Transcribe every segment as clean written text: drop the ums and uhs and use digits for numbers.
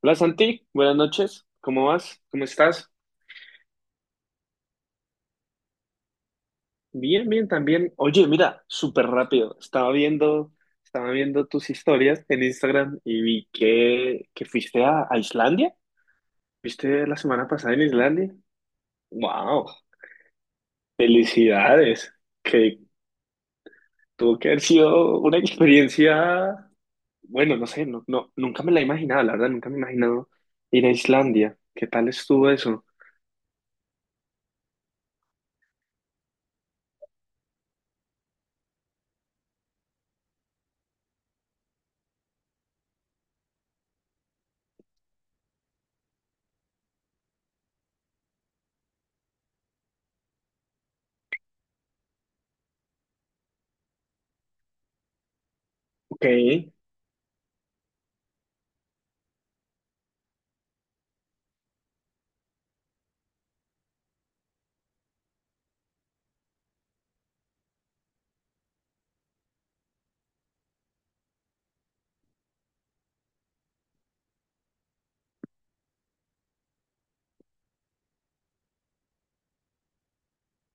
Hola Santi, buenas noches. ¿Cómo vas? ¿Cómo estás? Bien, bien también. Oye, mira, súper rápido. Estaba viendo tus historias en Instagram y vi que fuiste a Islandia. ¿Viste la semana pasada en Islandia? ¡Wow! ¡Felicidades! Que tuvo que haber sido una experiencia, bueno, no sé, nunca me la imaginaba, la verdad, nunca me he imaginado ir a Islandia. ¿Qué tal estuvo eso? Ok,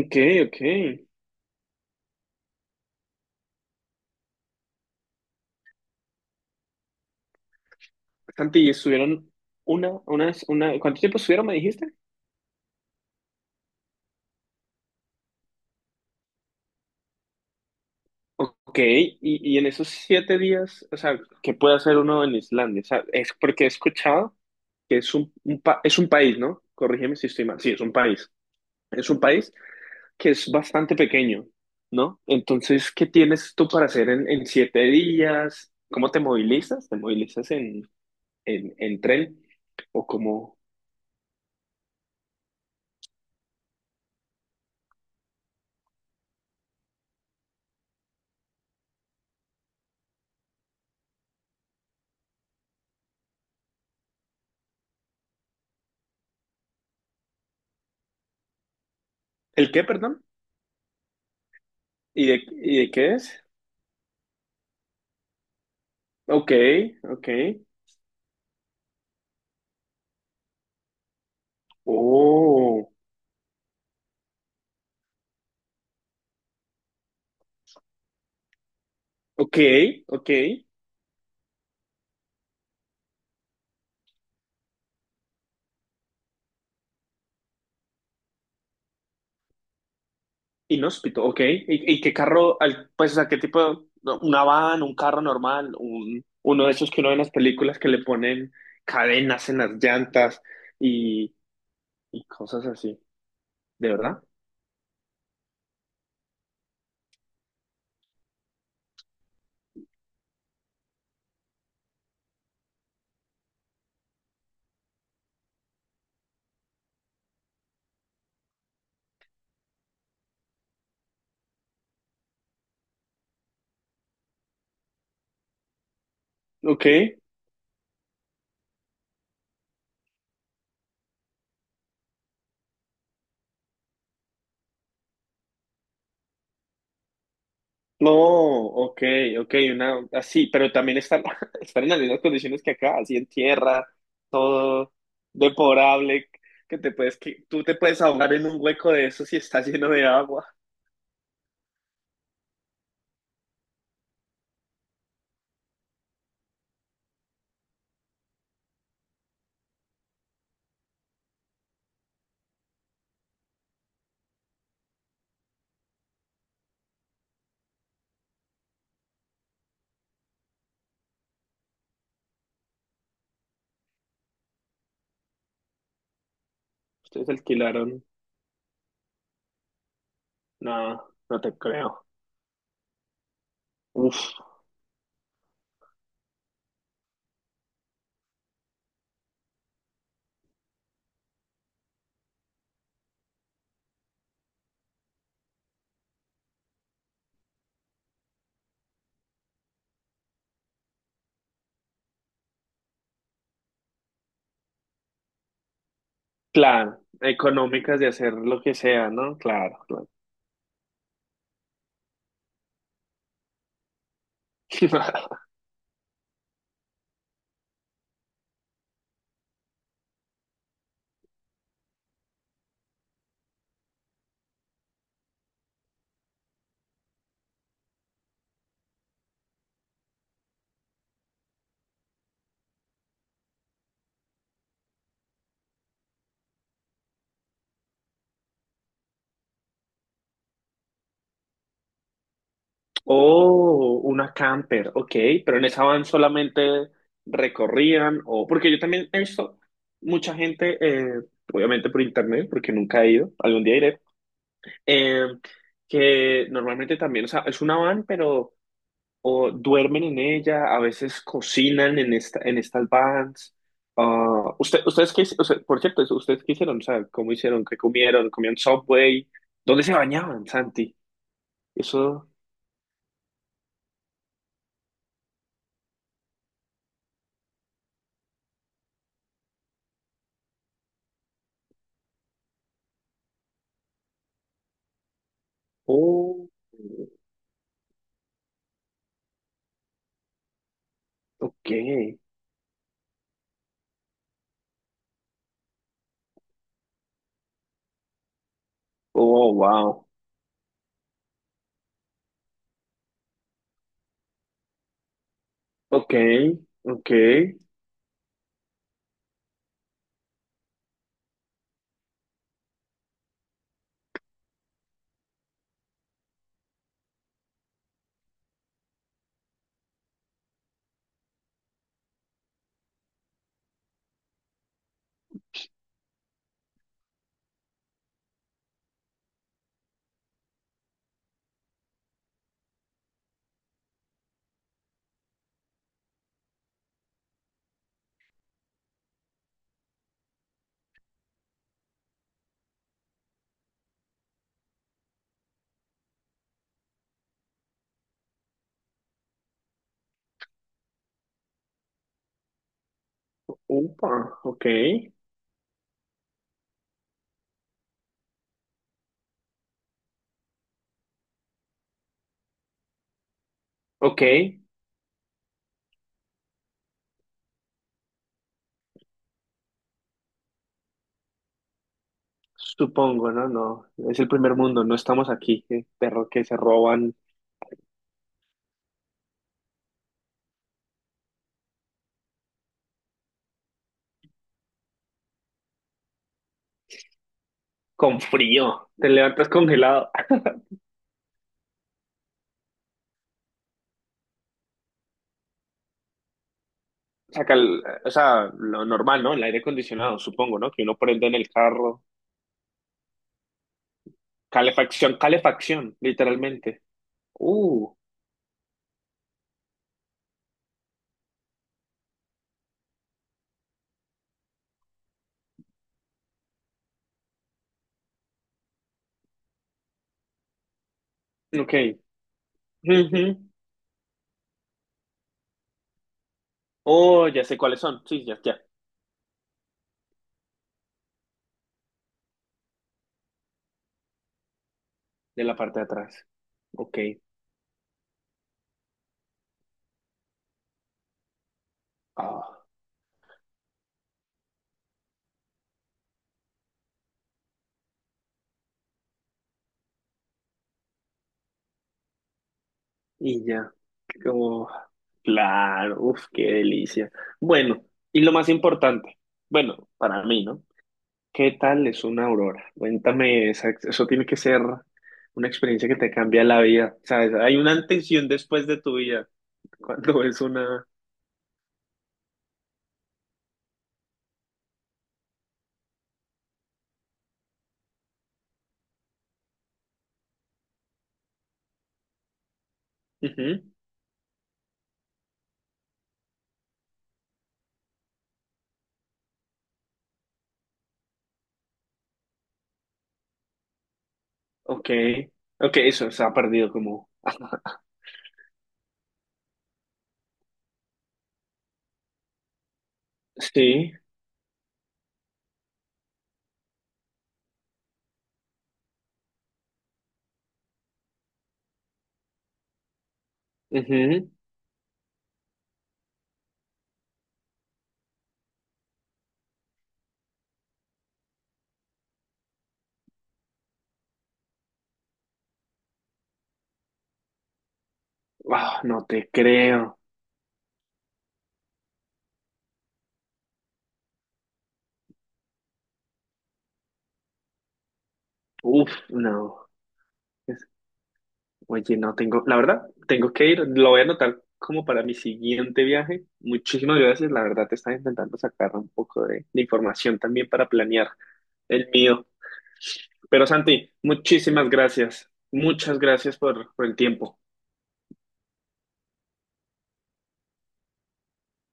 ok, ok. Santi, ¿y ¿estuvieron una, unas, una, ¿cuánto tiempo estuvieron, me dijiste? Ok, y en esos siete días, o sea, ¿qué puede hacer uno en Islandia? O sea, es porque he escuchado que es es un país, ¿no? Corrígeme si estoy mal. Sí, es un país. Es un país que es bastante pequeño, ¿no? Entonces, ¿qué tienes tú para hacer en siete días? ¿Cómo te movilizas? ¿Te movilizas en tren? ¿O cómo? ¿El qué, perdón? ¿Y de qué es? Ok, ok. Oh, ok, ok. Inhóspito, ok. Y qué carro, al- pues, o sea, qué tipo, no, una van, un carro normal, un, uno de esos que uno ve en las películas que le ponen cadenas en las llantas y, y cosas así, ¿de verdad? Ok, no, ok, ok, una, así, pero también están, están en las mismas condiciones que acá, así en tierra, todo deplorable, que te puedes, que tú te puedes ahogar en un hueco de eso si está lleno de agua. ¿Ustedes alquilaron? No, no te creo. Uf, claro. Económicas de hacer lo que sea, ¿no? Claro, claro. Oh, una camper, ok, pero en esa van solamente recorrían o porque yo también he visto mucha gente, obviamente por internet, porque nunca he ido, algún día iré, eh, que normalmente también, o sea, es una van, pero o duermen en ella, a veces cocinan en esta, en estas vans. Ah, usted, ustedes qué, hic- o sea, por cierto, ustedes qué hicieron, o sea, ¿cómo hicieron? ¿Qué comieron? ¿Comían Subway? ¿Dónde se bañaban, Santi? Eso, oh, ok, oh, wow, ok, ok, upa, ok, ok, supongo, no, no, es el primer mundo, no estamos aquí, perro que se roban con frío, te levantas congelado. O sea, cal- o sea, lo normal, ¿no? El aire acondicionado, supongo, ¿no? Que uno prende en el carro. Calefacción, calefacción, literalmente. Uh, ok. Ujú. Oh, ya sé cuáles son. Sí, ya, ya. De la parte de atrás. Ok. Ah, y ya. Oh, claro, uf, qué delicia. Bueno, y lo más importante, bueno, para mí, ¿no? ¿Qué tal es una aurora? Cuéntame, esa- eso tiene que ser una experiencia que te cambia la vida, ¿sabes? Hay una antes y un después de tu vida cuando es una... Ujú, ok, ok, eso se ha perdido como... Sí, ujú. Ah, no te creo. Uf, no. Es- Oye, no tengo, la verdad, tengo que ir, lo voy a anotar como para mi siguiente viaje. Muchísimas gracias, la verdad te estaba intentando sacar un poco de información también para planear el mío. Pero Santi, muchísimas gracias. Muchas gracias por el tiempo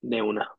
de una.